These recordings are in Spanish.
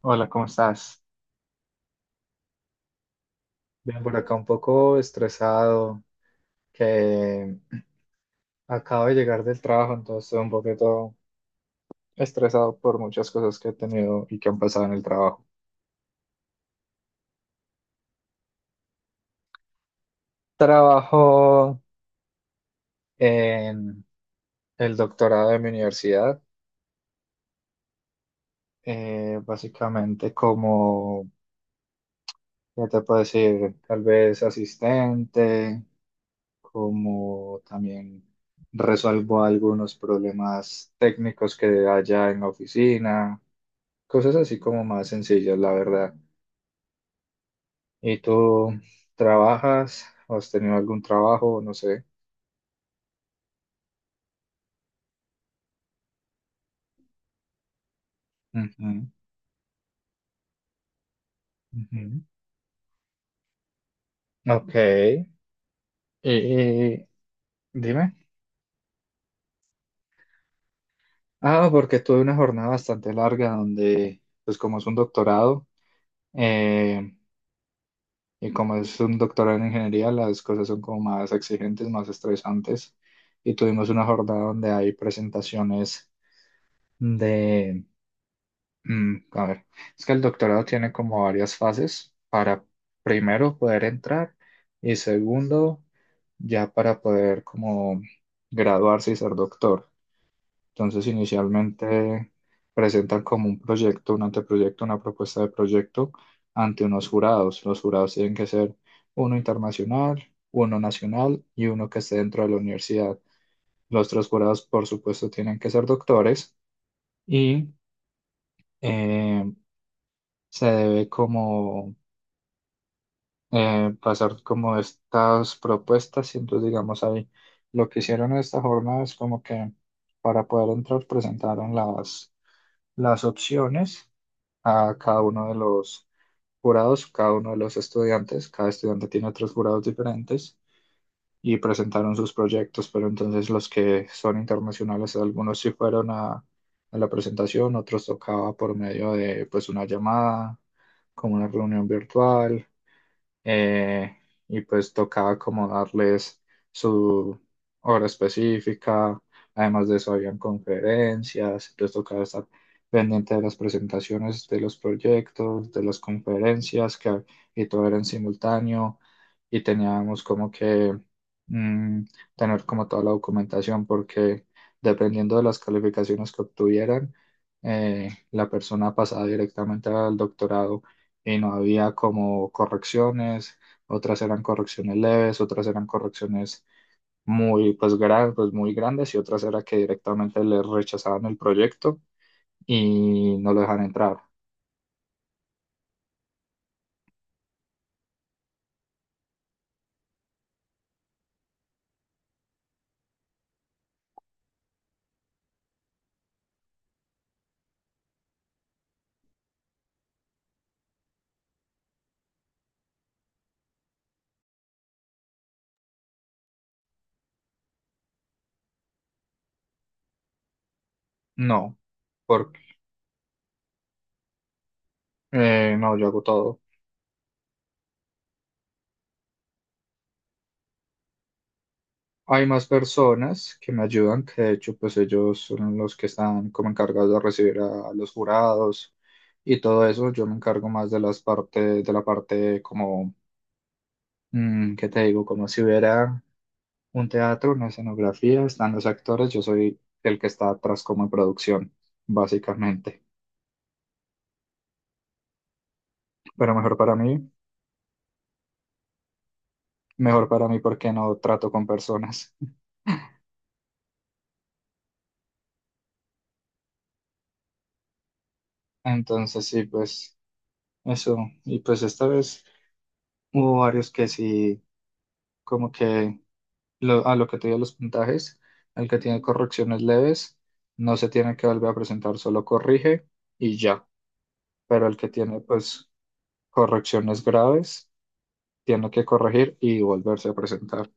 Hola, ¿cómo estás? Bien, por acá un poco estresado, que acabo de llegar del trabajo, entonces estoy un poquito estresado por muchas cosas que he tenido y que han pasado en el trabajo. Trabajo en el doctorado de mi universidad, básicamente como, ya te puedo decir? Tal vez asistente, como también resuelvo algunos problemas técnicos que haya en la oficina. Cosas así como más sencillas, la verdad. ¿Y tú trabajas? ¿O ¿Has tenido algún trabajo? No sé. Ujú, ujú. Ok. Eh, dime. Ah, porque tuve una jornada bastante larga donde, pues como es un doctorado, eh, y como es un doctorado en ingeniería, las cosas son como más exigentes, más estresantes. Y tuvimos una jornada donde hay presentaciones de. A ver, es que el doctorado tiene como varias fases para primero poder entrar y segundo ya para poder como graduarse y ser doctor. Entonces inicialmente presentan como un proyecto, un anteproyecto, una propuesta de proyecto ante unos jurados. Los jurados tienen que ser uno internacional, uno nacional y uno que esté dentro de la universidad. Los tres jurados, por supuesto, tienen que ser doctores y eh, se debe como pasar como estas propuestas y entonces digamos ahí lo que hicieron en esta jornada es como que para poder entrar presentaron las opciones a cada uno de los jurados, cada uno de los estudiantes, cada estudiante tiene tres jurados diferentes y presentaron sus proyectos, pero entonces los que son internacionales, algunos sí fueron a la presentación, otros tocaba por medio de pues una llamada, como una reunión virtual eh, y pues tocaba como darles su hora específica, además de eso habían conferencias, entonces tocaba estar pendiente de las presentaciones, de los proyectos, de las conferencias, que, y todo era en simultáneo, y teníamos como que mm, tener como toda la documentación, porque dependiendo de las calificaciones que obtuvieran, la persona pasaba directamente al doctorado y no había como correcciones, otras eran correcciones leves, otras eran correcciones muy, pues, pues, muy grandes y otras era que directamente le rechazaban el proyecto y no lo dejan entrar. No, porque no, yo hago todo. Hay más personas que me ayudan, que de hecho pues ellos son los que están como encargados de recibir a los jurados y todo eso. Yo me encargo más de las partes, de la parte como, ¿qué te digo? Como si hubiera un teatro, una escenografía, están los actores, yo soy el que está atrás como en producción, básicamente. Pero mejor para mí porque no trato con personas. Entonces sí, pues eso. Y pues esta vez hubo varios que sí, como que a lo que te dio los puntajes, el que tiene correcciones leves, no se tiene que volver a presentar, solo corrige y ya. Pero el que tiene pues correcciones graves, tiene que corregir y volverse a presentar.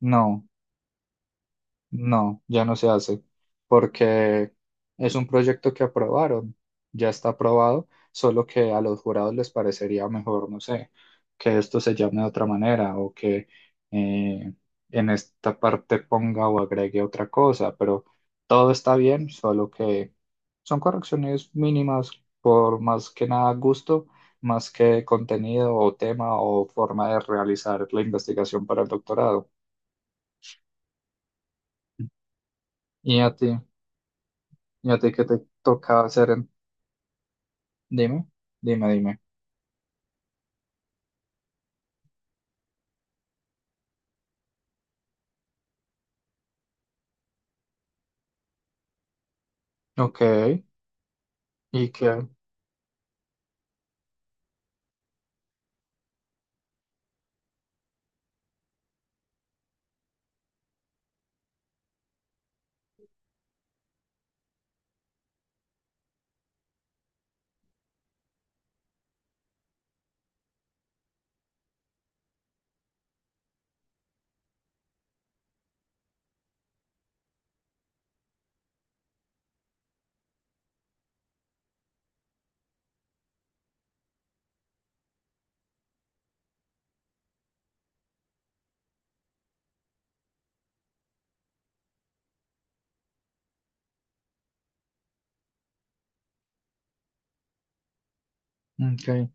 No, no, ya no se hace, porque es un proyecto que aprobaron, ya está aprobado, solo que a los jurados les parecería mejor, no sé, que esto se llame de otra manera o que eh, en esta parte ponga o agregue otra cosa, pero todo está bien, solo que son correcciones mínimas por más que nada gusto, más que contenido o tema o forma de realizar la investigación para el doctorado. ¿Y a ti? ¿Y a ti qué te tocaba hacer? Dime, dime, dime. Ok, ¿y qué? Ok,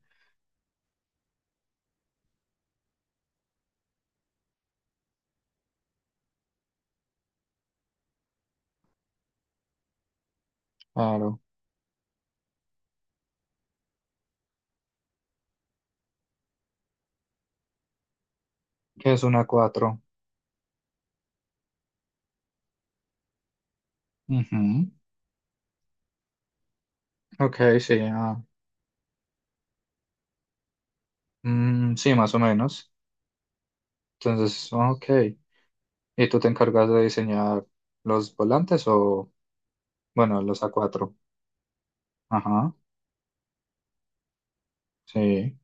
claro. ¿Qué es una cuatro? Ujú. Ok, sí, ah. Mm, sí, más o menos. Entonces, ok. ¿Y tú te encargas de diseñar los volantes o, bueno, los a cuatro? Ajá, sí.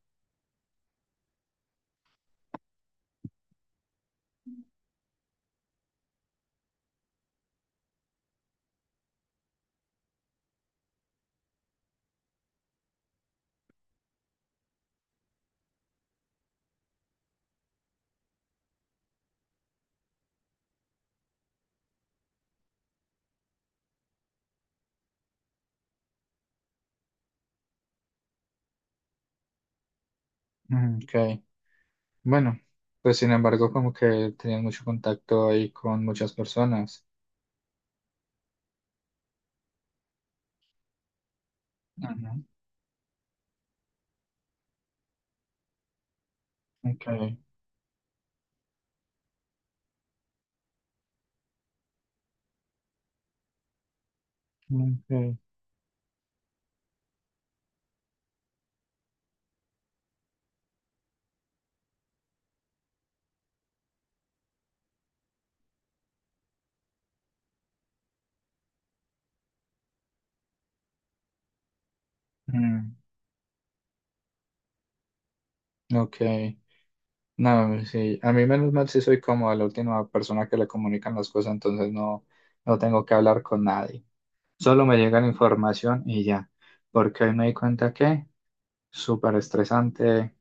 Mm, ok, bueno, pues sin embargo, como que tenías mucho contacto ahí con muchas personas. Ujú. Ok, ok. Mm, ok. No, sí, a mí menos mal sí soy como la última persona que le comunican las cosas, entonces no, no tengo que hablar con nadie. Solo me llega la información y ya, porque hoy me di cuenta que súper estresante,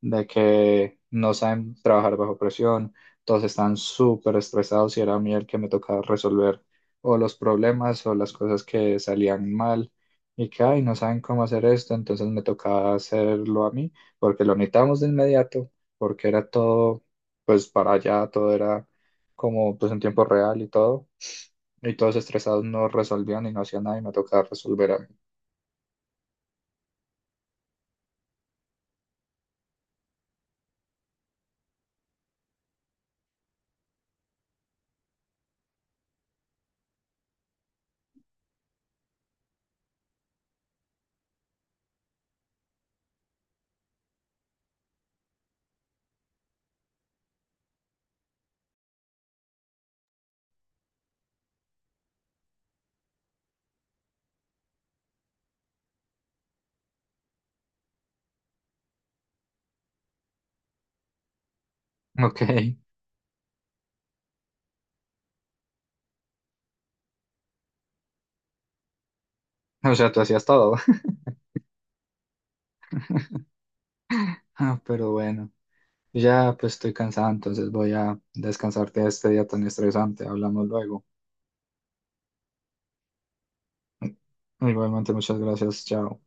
de que no saben trabajar bajo presión, todos están súper estresados y era a mí el que me tocaba resolver o los problemas o las cosas que salían mal y que, ay, no saben cómo hacer esto, entonces me tocaba hacerlo a mí porque lo necesitábamos de inmediato, porque era todo, pues para allá, todo era como pues en tiempo real y todo. Y todos estresados no resolvían y no hacían nada y me tocaba resolver a mí. Ok, o sea, tú hacías todo. Ah, pero bueno, ya pues estoy cansado, entonces voy a descansarte de este día tan estresante. Hablamos luego. Igualmente, muchas gracias. Chao.